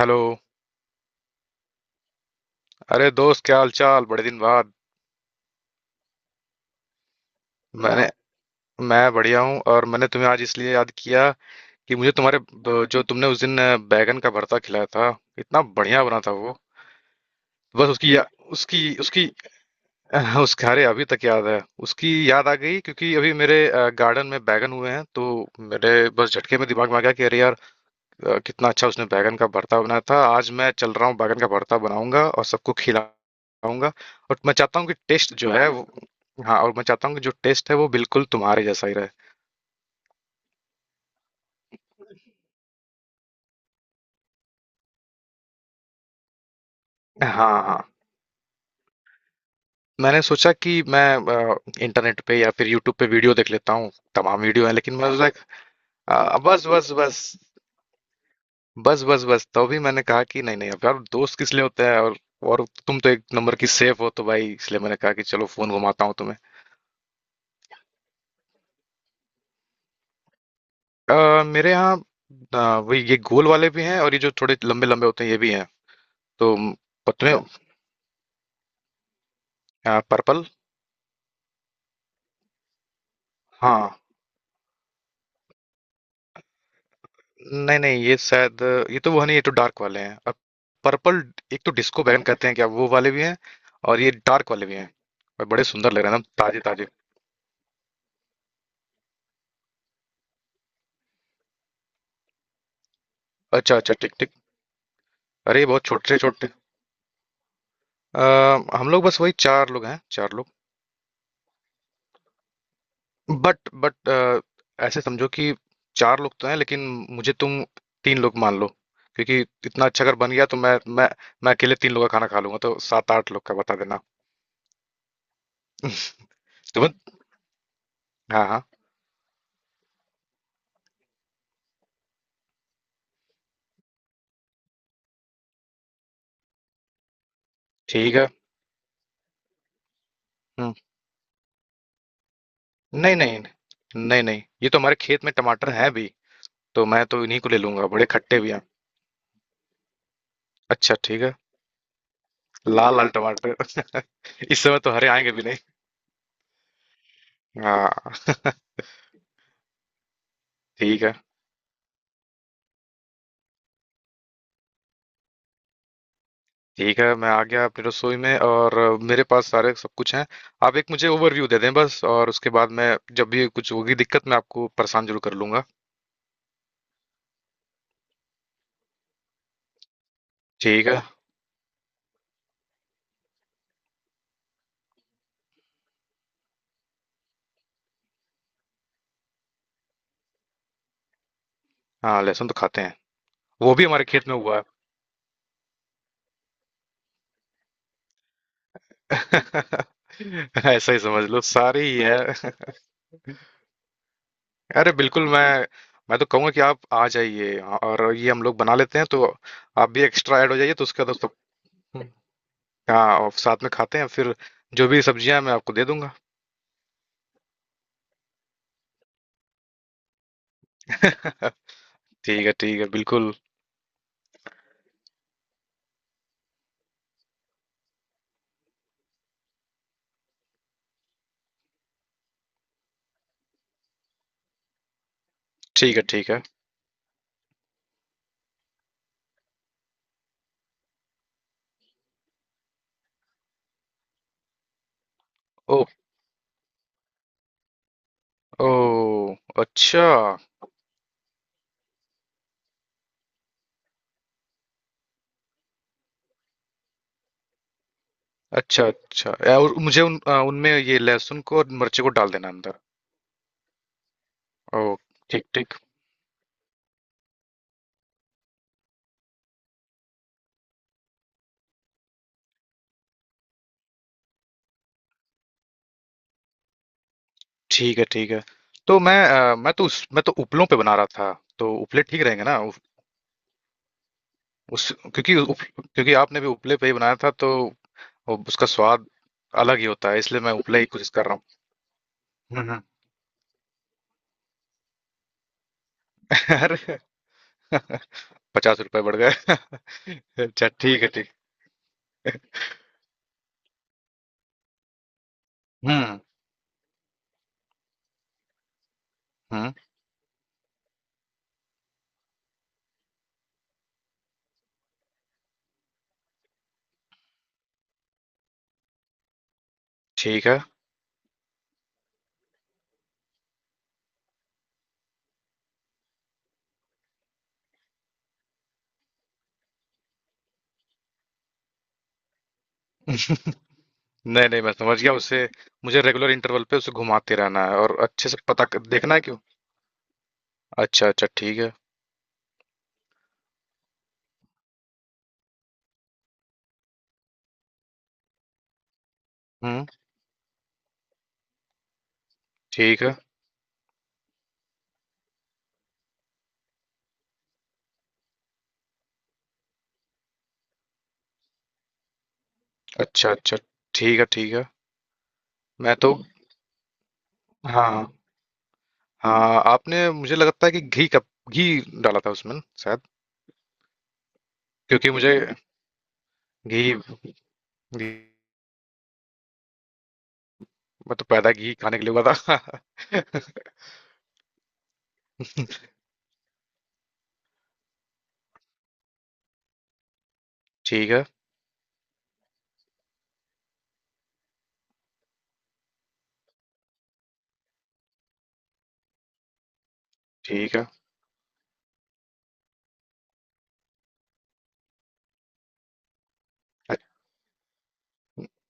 Hello. अरे दोस्त, क्या हाल चाल? बड़े दिन बाद। मैंने मैं बढ़िया हूँ। और मैंने तुम्हें आज इसलिए याद किया कि मुझे तुम्हारे जो तुमने उस दिन बैगन का भरता खिलाया था, इतना बढ़िया बना था वो। बस उसकी उसकी उसकी उसके, अरे अभी तक याद है। उसकी याद आ गई क्योंकि अभी मेरे गार्डन में बैगन हुए हैं तो मेरे बस झटके में दिमाग में आ गया कि अरे यार, कितना अच्छा उसने बैगन का भरता बनाया था। आज मैं चल रहा हूँ, बैगन का भरता बनाऊंगा और सबको खिलाऊंगा। और मैं चाहता हूँ कि टेस्ट जो है वो, हाँ, और मैं चाहता हूँ कि जो टेस्ट है वो बिल्कुल तुम्हारे जैसा ही रहे। हाँ हाँ। मैंने सोचा कि मैं अ, इंटरनेट पे या फिर यूट्यूब पे वीडियो देख लेता हूँ, तमाम वीडियो है, लेकिन मैं सोचा बस बस बस। बस बस बस, तो भी मैंने कहा कि नहीं नहीं, अब यार दोस्त किस लिए होते हैं? और तुम तो एक नंबर की सेफ हो, तो भाई इसलिए मैंने कहा कि चलो फोन घुमाता हूँ तुम्हें। मेरे यहाँ वही, ये गोल वाले भी हैं और ये जो थोड़े लंबे लंबे होते हैं ये भी हैं। तो पतले, पर्पल पर्पल। हाँ, नहीं नहीं, ये शायद, ये तो वो नहीं, ये तो डार्क वाले हैं। और पर्पल, एक तो डिस्को बैंगन कहते हैं क्या, वो वाले भी हैं और ये डार्क वाले भी हैं। और बड़े सुंदर लग रहे हैं ना, ताजे ताजे। अच्छा अच्छा, ठीक ठीक। अरे बहुत छोटे छोटे अ, हम लोग बस वही चार लोग हैं, चार लोग। बट ऐसे समझो कि चार लोग तो हैं लेकिन मुझे, तुम तीन लोग मान लो, क्योंकि इतना अच्छा अगर बन गया तो मैं मैं अकेले तीन लोग का खाना खा लूंगा, तो सात आठ लोग का बता देना। तुम्हें हाँ हाँ। ठीक है। हम्म। नहीं नहीं। नहीं नहीं, ये तो हमारे खेत में टमाटर हैं भी, तो मैं तो इन्हीं को ले लूंगा, बड़े खट्टे भी हैं। अच्छा ठीक है। लाल लाल टमाटर इस समय तो हरे आएंगे भी नहीं। हाँ। ठीक है। ठीक है, मैं आ गया अपनी रसोई में और मेरे पास सारे सब कुछ हैं। आप एक मुझे ओवरव्यू दे दें बस, और उसके बाद मैं जब भी कुछ होगी दिक्कत, मैं आपको परेशान जरूर कर लूंगा। ठीक है। हाँ, लहसुन तो खाते हैं। वो भी हमारे खेत में हुआ। है ऐसा ही समझ लो, सारी ही है। अरे बिल्कुल, मैं तो कहूंगा कि आप आ जाइए और ये हम लोग बना लेते हैं, तो आप भी एक्स्ट्रा ऐड हो जाइए तो उसके बाद सब। हाँ, और साथ में खाते हैं फिर। जो भी सब्जियां हैं, मैं आपको दे दूंगा। ठीक है ठीक है, बिल्कुल। ठीक है ठीक है। ओ, अच्छा अच्छा। अच्छा और मुझे उनमें ये लहसुन को और मिर्ची को डाल देना अंदर। ओ, ठीक ठीक। ठीक है ठीक है, तो मैं मैं तो उस मैं तो उपलों पे बना रहा था, तो उपले ठीक रहेंगे ना उस, क्योंकि क्योंकि आपने भी उपले पे ही बनाया था तो उसका स्वाद अलग ही होता है, इसलिए मैं उपले ही कोशिश कर रहा हूँ। हम्म, हम्म। अरे। 50 रुपए बढ़ गए। अच्छा ठीक है ठीक। हम्म हम्म। ठीक है। नहीं नहीं, मैं समझ गया उसे। मुझे रेगुलर इंटरवल पे उसे घुमाते रहना है और अच्छे से देखना है क्यों। अच्छा अच्छा ठीक है। हम्म। ठीक है। अच्छा अच्छा ठीक है ठीक है। मैं तो हाँ हाँ, आपने, मुझे लगता है कि घी का, घी डाला था उसमें शायद। क्योंकि मुझे घी, घी। मैं तो पैदा घी खाने के लिए हुआ था। ठीक है ठीक है। अच्छ-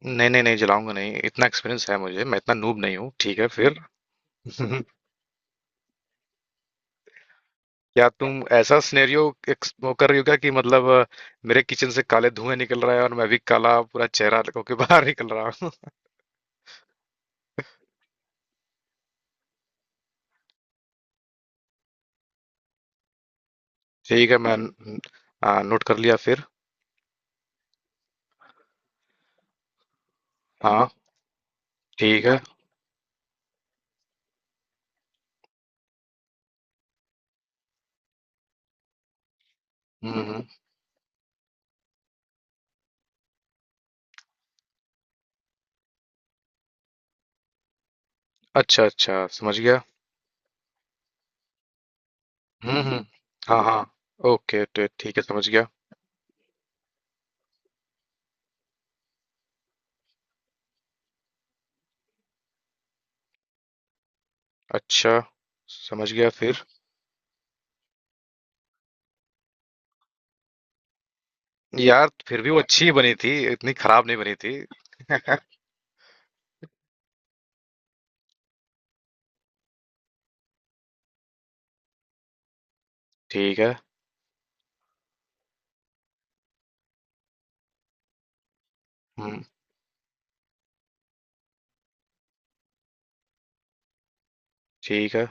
नहीं नहीं नहीं, जलाऊंगा नहीं, इतना एक्सपीरियंस है मुझे, मैं इतना नूब नहीं हूँ। ठीक है फिर। क्या तुम ऐसा सिनेरियो वो कर रही हो क्या, कि मतलब मेरे किचन से काले धुएं निकल रहा है और मैं भी काला पूरा चेहरा होके बाहर निकल रहा हूँ। ठीक है मैं हाँ, नोट कर लिया फिर। हाँ। ठीक है। हम्म हम्म, अच्छा अच्छा, समझ गया। हम्म। हाँ हाँ। ओके, तो ठीक है, समझ गया। अच्छा समझ गया फिर। यार फिर भी वो अच्छी ही बनी थी, इतनी खराब नहीं बनी थी। ठीक है। हम्म। ठीक है।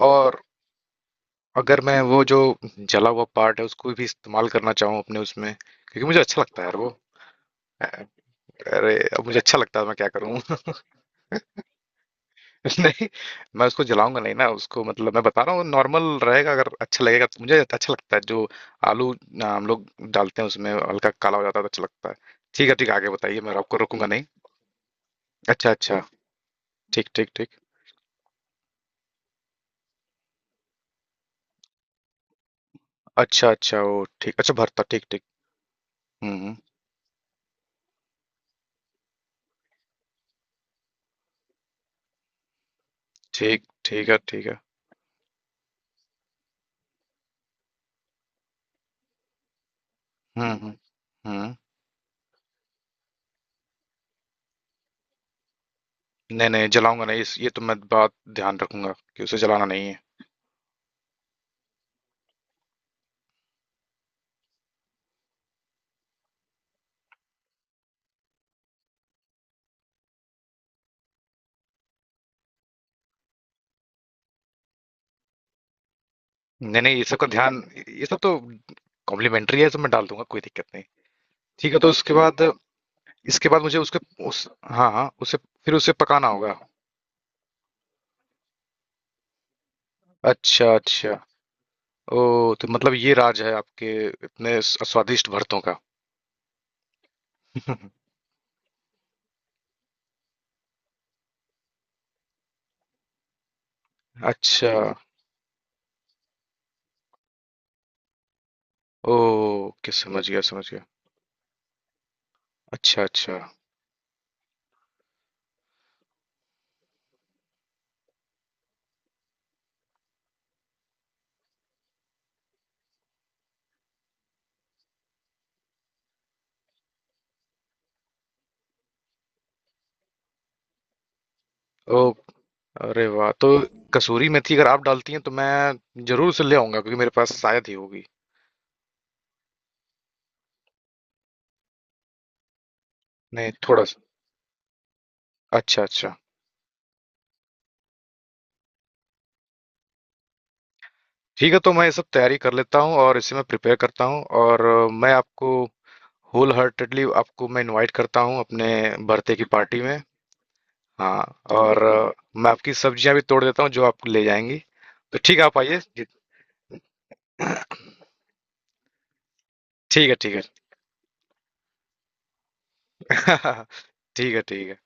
और अगर मैं वो जो जला हुआ पार्ट है उसको भी इस्तेमाल करना चाहूँ अपने उसमें, क्योंकि मुझे अच्छा लगता है यार वो। अरे अब मुझे अच्छा लगता है, मैं क्या करूँ? नहीं, मैं उसको जलाऊंगा नहीं ना, उसको मतलब मैं बता रहा हूँ नॉर्मल रहेगा, अगर अच्छा लगेगा, तो मुझे अच्छा लगता है जो आलू हम लोग डालते हैं उसमें हल्का काला हो जाता है तो अच्छा लगता है। ठीक है ठीक है, आगे बताइए, मैं आपको रोकूंगा नहीं। अच्छा अच्छा, ठीक ठीक ठीक। अच्छा अच्छा, वो ठीक, अच्छा भरता, ठीक ठीक। हम्म हम्म, ठीक ठीक है ठीक है। हम्म। हम्म। नहीं नहीं, जलाऊंगा नहीं इस, ये तो मैं बात, ध्यान रखूंगा कि उसे जलाना नहीं है। नहीं नहीं, ये सब का ध्यान, ये सब तो कॉम्प्लीमेंट्री है, ये सब मैं डाल दूंगा, कोई दिक्कत नहीं। ठीक है तो उसके बाद, इसके बाद मुझे उसके, उस हाँ हाँ उसे फिर उसे पकाना होगा। अच्छा अच्छा। ओ, तो मतलब ये राज है आपके इतने स्वादिष्ट भरतों का। अच्छा। ओ के समझ गया समझ गया। अच्छा अच्छा। ओ, अरे वाह, तो कसूरी मेथी अगर आप डालती हैं तो मैं जरूर उसे ले आऊंगा, क्योंकि मेरे पास शायद ही होगी। नहीं, थोड़ा सा। अच्छा अच्छा। ठीक है, तो मैं ये सब तैयारी कर लेता हूँ और इसे मैं प्रिपेयर करता हूँ, और मैं आपको होल हार्टेडली आपको मैं इनवाइट करता हूँ अपने बर्थडे की पार्टी में। हाँ, और मैं आपकी सब्जियां भी तोड़ देता हूँ जो आप ले जाएंगी। तो ठीक है, आप आइए। ठीक है ठीक है। ठीक है ठीक है।